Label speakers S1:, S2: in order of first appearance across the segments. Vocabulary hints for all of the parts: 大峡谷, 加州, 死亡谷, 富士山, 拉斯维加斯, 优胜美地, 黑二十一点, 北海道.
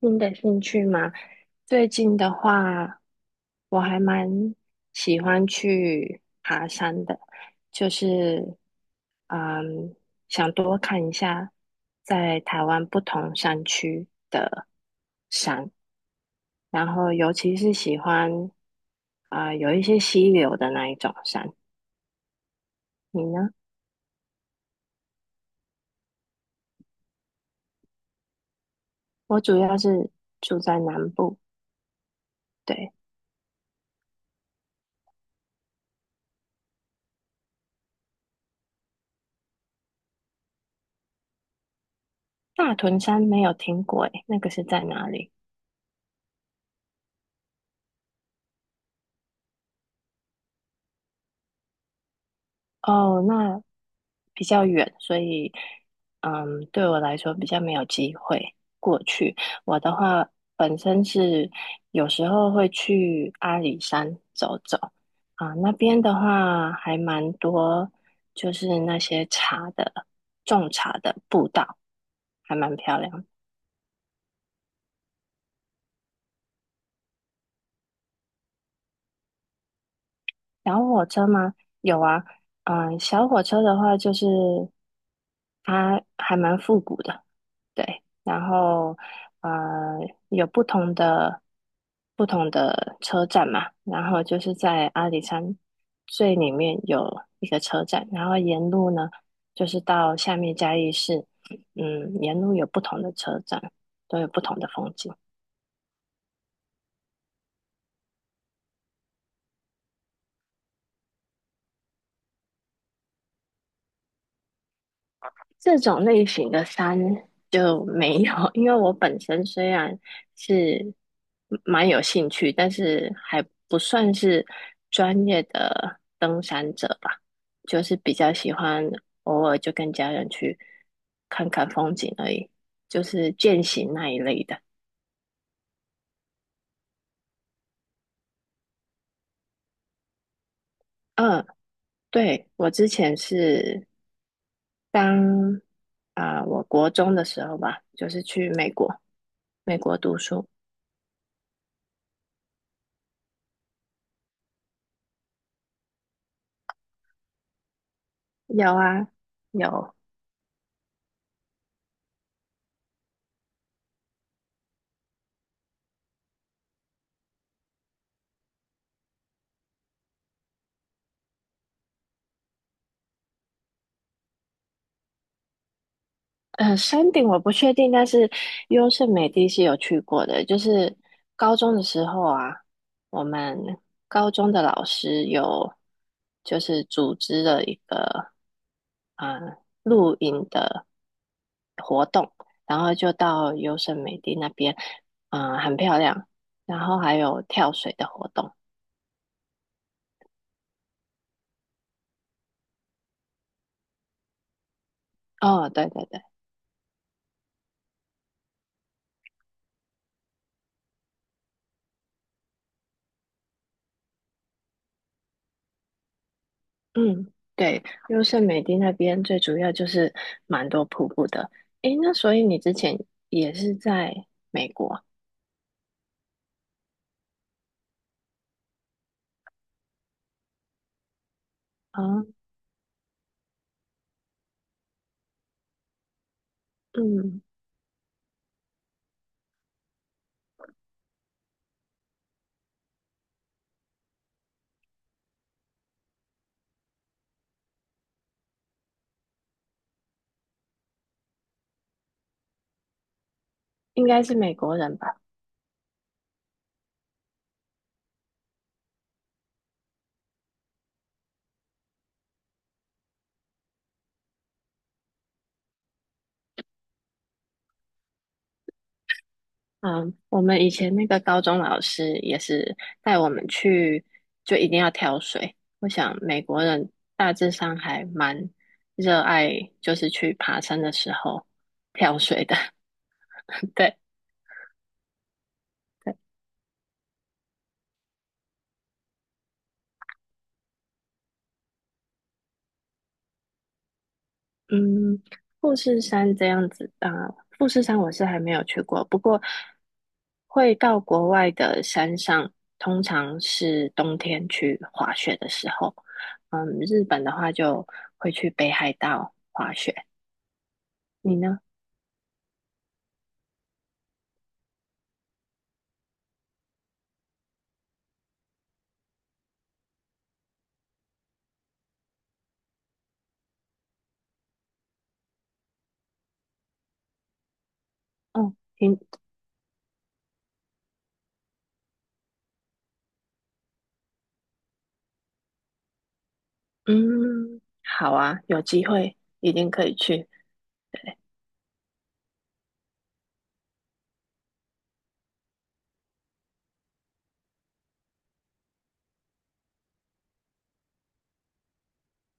S1: 新的兴趣吗？最近的话，我还蛮喜欢去爬山的，就是嗯，想多看一下在台湾不同山区的山，然后尤其是喜欢有一些溪流的那一种山。你呢？我主要是住在南部，对，大屯山没有听过，诶，那个是在哪里？哦，那比较远，所以对我来说比较没有机会过去。我的话，本身是有时候会去阿里山走走啊，那边的话还蛮多，就是那些种茶的步道，还蛮漂亮的。小火车吗？有啊，小火车的话就是它还蛮复古的，对，然后呃有不同的车站嘛，然后就是在阿里山最里面有一个车站，然后沿路呢就是到下面嘉义市，沿路有不同的车站，都有不同的风景。这种类型的山就没有，因为我本身虽然是蛮有兴趣，但是还不算是专业的登山者吧，就是比较喜欢偶尔就跟家人去看看风景而已，就是健行那一类的。嗯，对，我之前是当我国中的时候吧，就是去美国，美国读书。有啊，有，嗯，山顶我不确定，但是优胜美地是有去过的。就是高中的时候啊，我们高中的老师有就是组织了一个嗯、呃露营的活动，然后就到优胜美地那边，很漂亮。然后还有跳水的活动。哦，对对对。嗯，对，优胜美地那边最主要就是蛮多瀑布的。诶，那所以你之前也是在美国啊？嗯，应该是美国人吧？啊，我们以前那个高中老师也是带我们去，就一定要挑水。我想美国人大致上还蛮热爱，就是去爬山的时候挑水的。对对，嗯，富士山这样子，啊，富士山我是还没有去过，不过会到国外的山上，通常是冬天去滑雪的时候。日本的话就会去北海道。你呢？哦，你嗯，好啊，有机会一定可以去。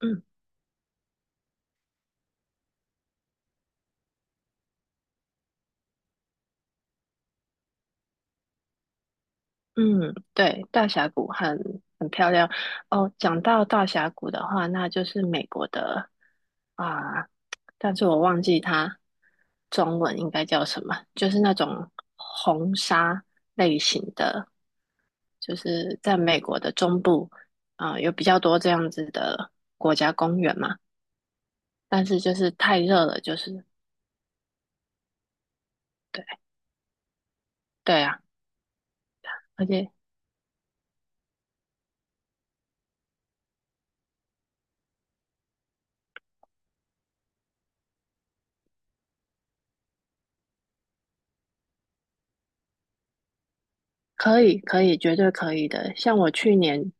S1: 嗯。嗯，对，大峡谷很漂亮哦。讲到大峡谷的话，那就是美国的啊，但是我忘记它中文应该叫什么，就是那种红沙类型的，就是在美国的中部啊，有比较多这样子的国家公园嘛。但是就是太热了，就是对对啊，而且。可以，可以，绝对可以的。像我去年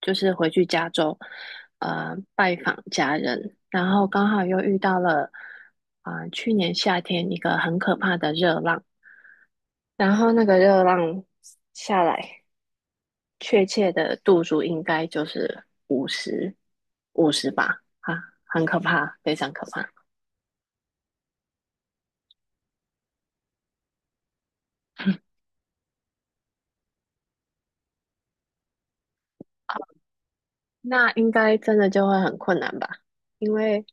S1: 就是回去加州，拜访家人，然后刚好又遇到了，去年夏天一个很可怕的热浪，然后那个热浪下来，确切的度数应该就是五十，五十吧，很可怕，非常可怕。那应该真的就会很困难吧？因为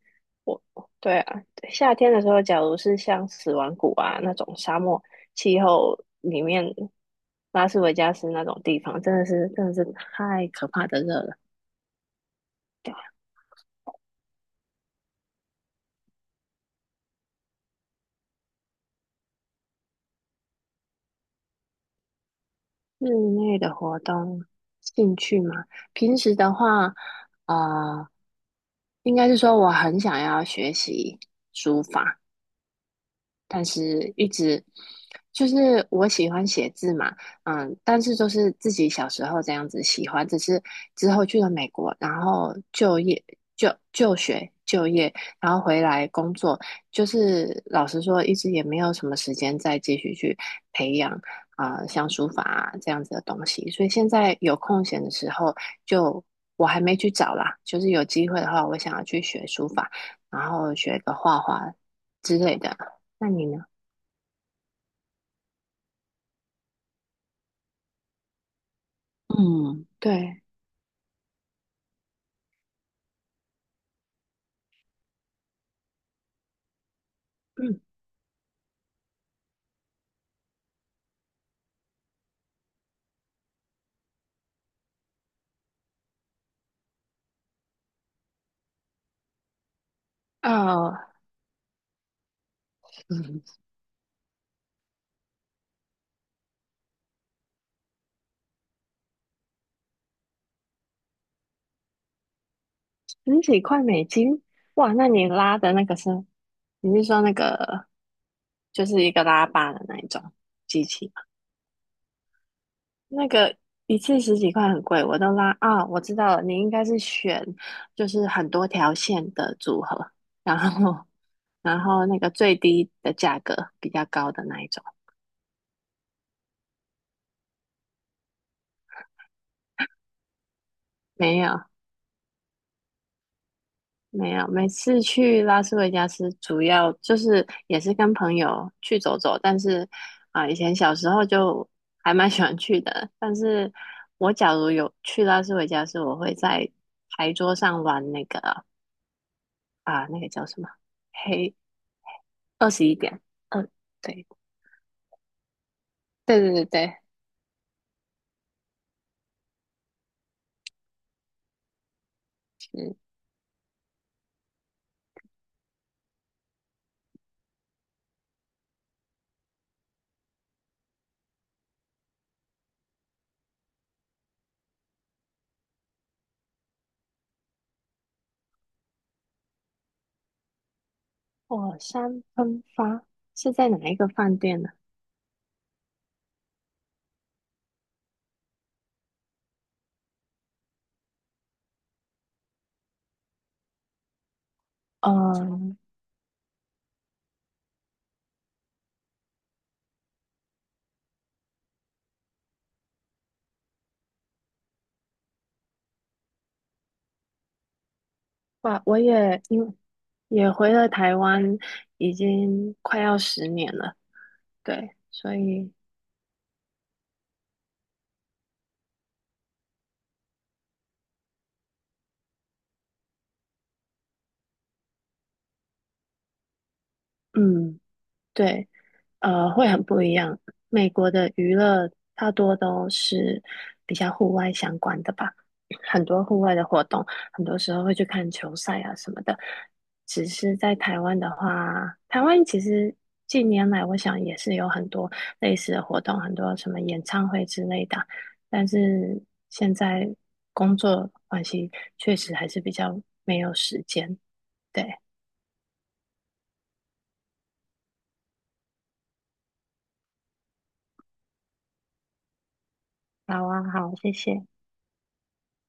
S1: 我，对啊，夏天的时候，假如是像死亡谷啊那种沙漠气候里面，拉斯维加斯那种地方，真的是太可怕的热了。室内的活动兴趣嘛，平时的话，呃，应该是说我很想要学习书法，但是一直就是我喜欢写字嘛，但是就是自己小时候这样子喜欢，只是之后去了美国，然后就业、就学、就业，然后回来工作，就是老实说，一直也没有什么时间再继续去培养像书法啊这样子的东西，所以现在有空闲的时候就。我还没去找啦，就是有机会的话，我想要去学书法，然后学个画画之类的。那你呢？嗯，对，嗯，呃，嗯十几块美金，哇，那你拉的那个是，你是说那个就是一个拉霸的那一种机器吗？那个一次十几块很贵，我都拉啊，我知道了，你应该是选就是很多条线的组合，然后然后那个最低的价格比较高的那一种，没有，没有，每次去拉斯维加斯主要就是也是跟朋友去走走，但是以前小时候就还蛮喜欢去的。但是我假如有去拉斯维加斯，我会在牌桌上玩那个叫什么黑21点，嗯，对对对对对，火山喷发是在哪一个饭店呢？嗯，哇，我也因为也回了台湾，已经快要10年了。对，所以嗯，对，会很不一样。美国的娱乐大多都是比较户外相关的吧，很多户外的活动，很多时候会去看球赛啊什么的。只是在台湾的话，台湾其实近年来我想也是有很多类似的活动，很多什么演唱会之类的，但是现在工作关系，确实还是比较没有时间。对。好啊，好，谢谢。